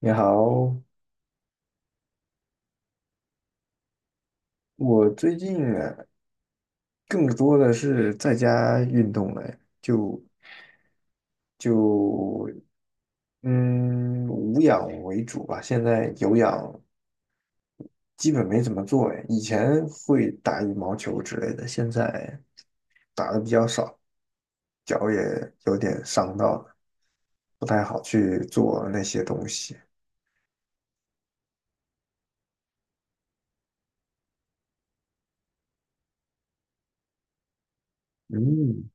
你好。我最近啊，更多的是在家运动了，就就嗯，无氧为主吧。现在有氧基本没怎么做哎，以前会打羽毛球之类的，现在打的比较少，脚也有点伤到了，不太好去做那些东西。嗯，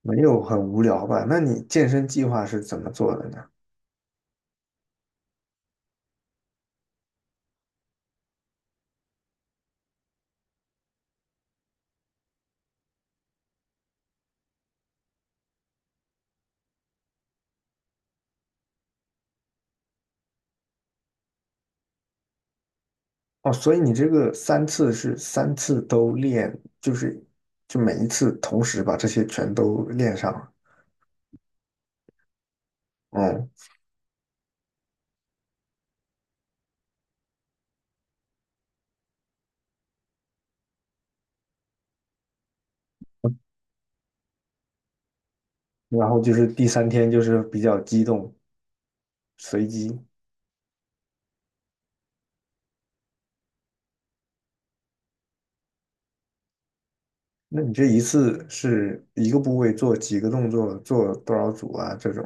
没有很无聊吧？那你健身计划是怎么做的呢？哦，所以你这个三次是三次都练，就是每一次同时把这些全都练上了。嗯，然后就是第三天就是比较激动，随机。那你这一次是一个部位做几个动作，做多少组啊？这种？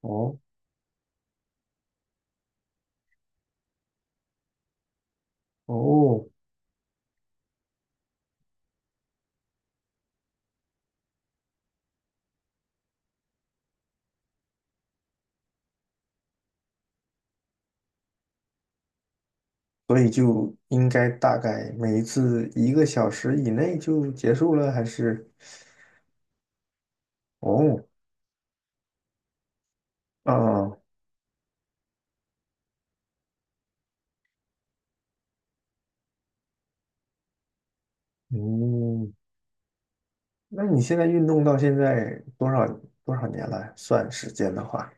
哦哦，所以就应该大概每一次一个小时以内就结束了，还是？哦，啊，嗯。那你现在运动到现在多少年了？算时间的话，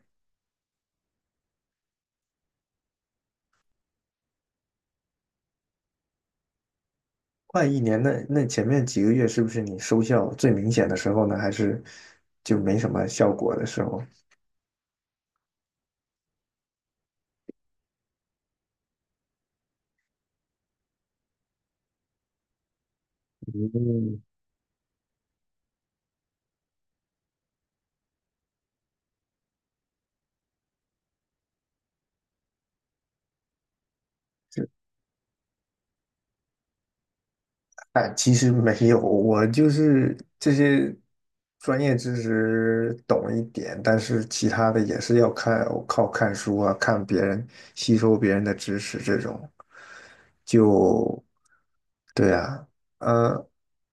快一年。那前面几个月是不是你收效最明显的时候呢？还是就没什么效果的时候？嗯，哎，其实没有，我就是这些专业知识懂一点，但是其他的也是要看，靠看书啊，看别人，吸收别人的知识这种。就，对啊，呃，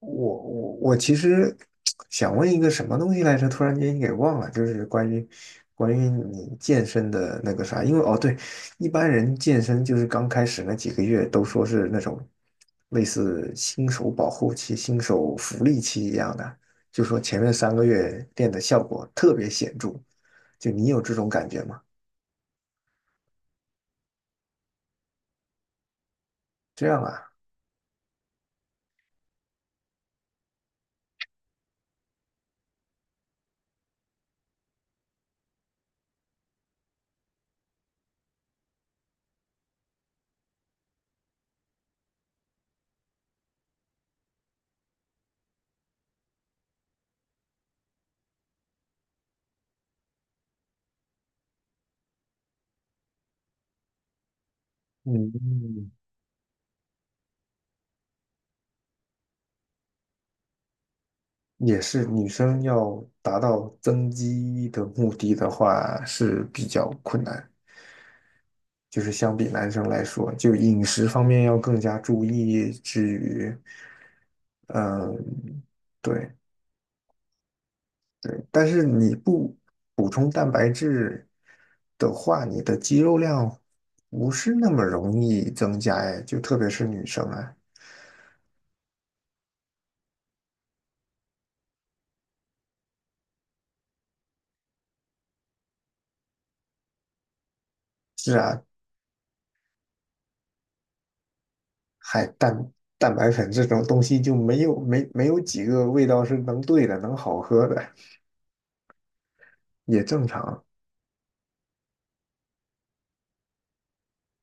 我我其实想问一个什么东西来着，突然间给忘了，就是关于你健身的那个啥，因为哦对，一般人健身就是刚开始那几个月都说是那种类似新手保护期、新手福利期一样的，就说前面3个月练的效果特别显著。就你有这种感觉吗？这样啊。嗯，也是女生要达到增肌的目的的话是比较困难，就是相比男生来说，就饮食方面要更加注意，至于，嗯。对，对，但是你不补充蛋白质的话，你的肌肉量不是那么容易增加哎，就特别是女生啊。是啊，还蛋白粉这种东西就没有几个味道是能对的，能好喝的，也正常。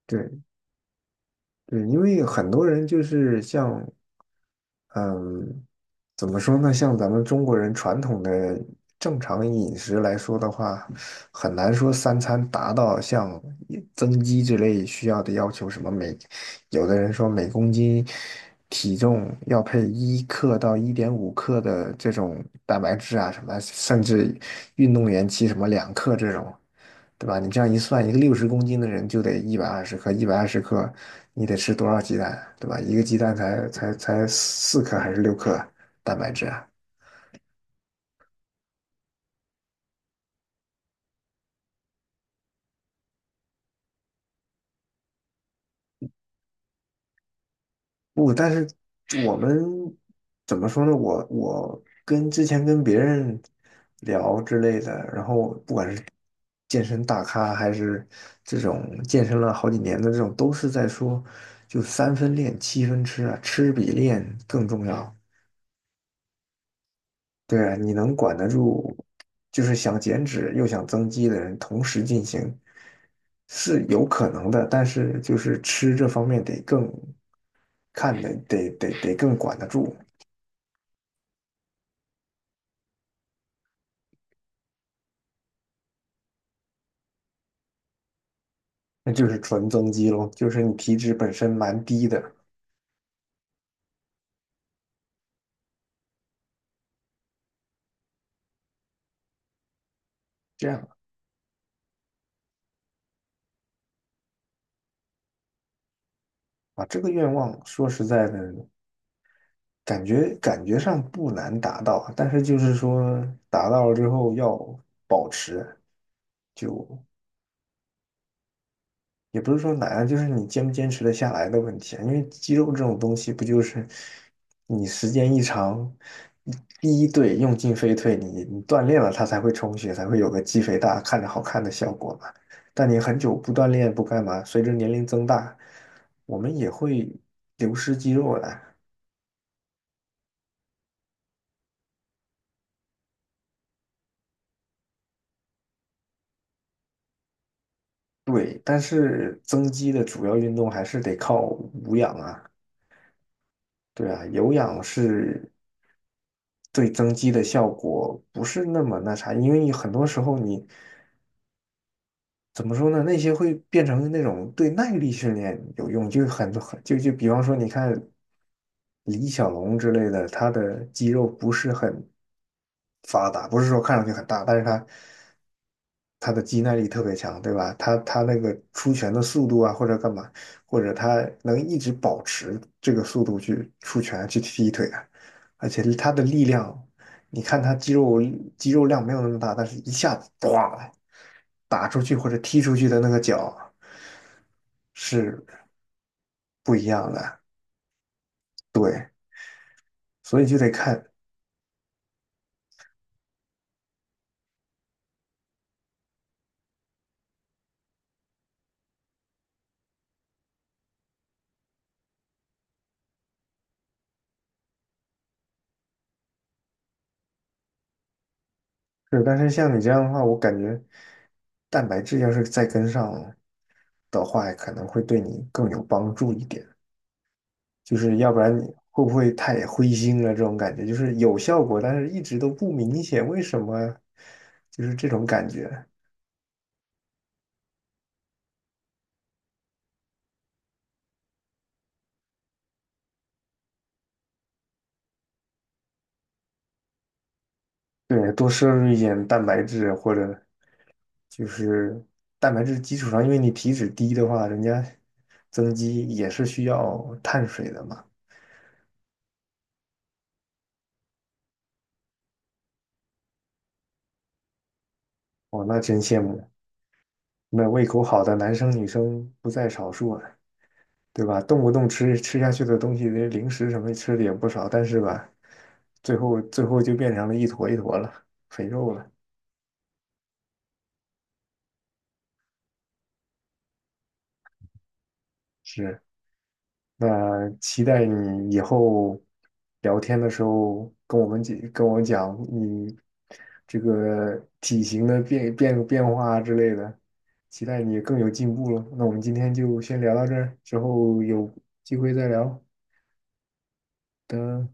对，对，因为很多人就是像嗯，怎么说呢？像咱们中国人传统的正常饮食来说的话，很难说三餐达到像增肌之类需要的要求，什么有的人说每公斤体重要配1克到1.5克的这种蛋白质啊什么甚至运动员骑什么2克这种，对吧？你这样一算，一个60公斤的人就得一百二十克，一百二十克你得吃多少鸡蛋，对吧？一个鸡蛋才4克还是6克蛋白质啊？不，但是我们怎么说呢？我跟之前跟别人聊之类的，然后不管是健身大咖还是这种健身了好几年的这种，都是在说，就三分练，七分吃啊，吃比练更重要。对啊，你能管得住，就是想减脂又想增肌的人同时进行是有可能的，但是就是吃这方面得更看得更管得住。那就是纯增肌咯，就是你体脂本身蛮低的，这样啊，这个愿望说实在的，感觉上不难达到，但是就是说达到了之后要保持，就也不是说难啊，就是你坚不坚持的下来的问题啊。因为肌肉这种东西，不就是你时间一长，第一对用进废退，你锻炼了，它才会充血，才会有个肌肥大、看着好看的效果嘛。但你很久不锻炼不干嘛，随着年龄增大，我们也会流失肌肉的啊。对，但是增肌的主要运动还是得靠无氧啊。对啊，有氧是对增肌的效果不是那么那啥，因为你很多时候你怎么说呢？那些会变成那种对耐力训练有用，就很就比方说，你看李小龙之类的，他的肌肉不是很发达，不是说看上去很大，但是他的肌耐力特别强，对吧？他那个出拳的速度啊，或者干嘛，或者他能一直保持这个速度去出拳去踢腿啊，而且他的力量你看他肌肉量没有那么大，但是一下子咣打出去或者踢出去的那个脚是不一样的，对，所以就得看。是，但是像你这样的话，我感觉蛋白质要是再跟上的话，可能会对你更有帮助一点。就是要不然你会不会太灰心了？这种感觉就是有效果，但是一直都不明显，为什么？就是这种感觉。对，多摄入一点蛋白质或者就是蛋白质基础上，因为你体脂低的话，人家增肌也是需要碳水的嘛。哦，那真羡慕，那胃口好的男生女生不在少数啊，对吧？动不动吃下去的东西，那零食什么吃的也不少，但是吧，最后就变成了一坨一坨了，肥肉了。是。那期待你以后聊天的时候跟我们讲，跟我讲你这个体型的变化之类的，期待你更有进步了。那我们今天就先聊到这儿，之后有机会再聊。的。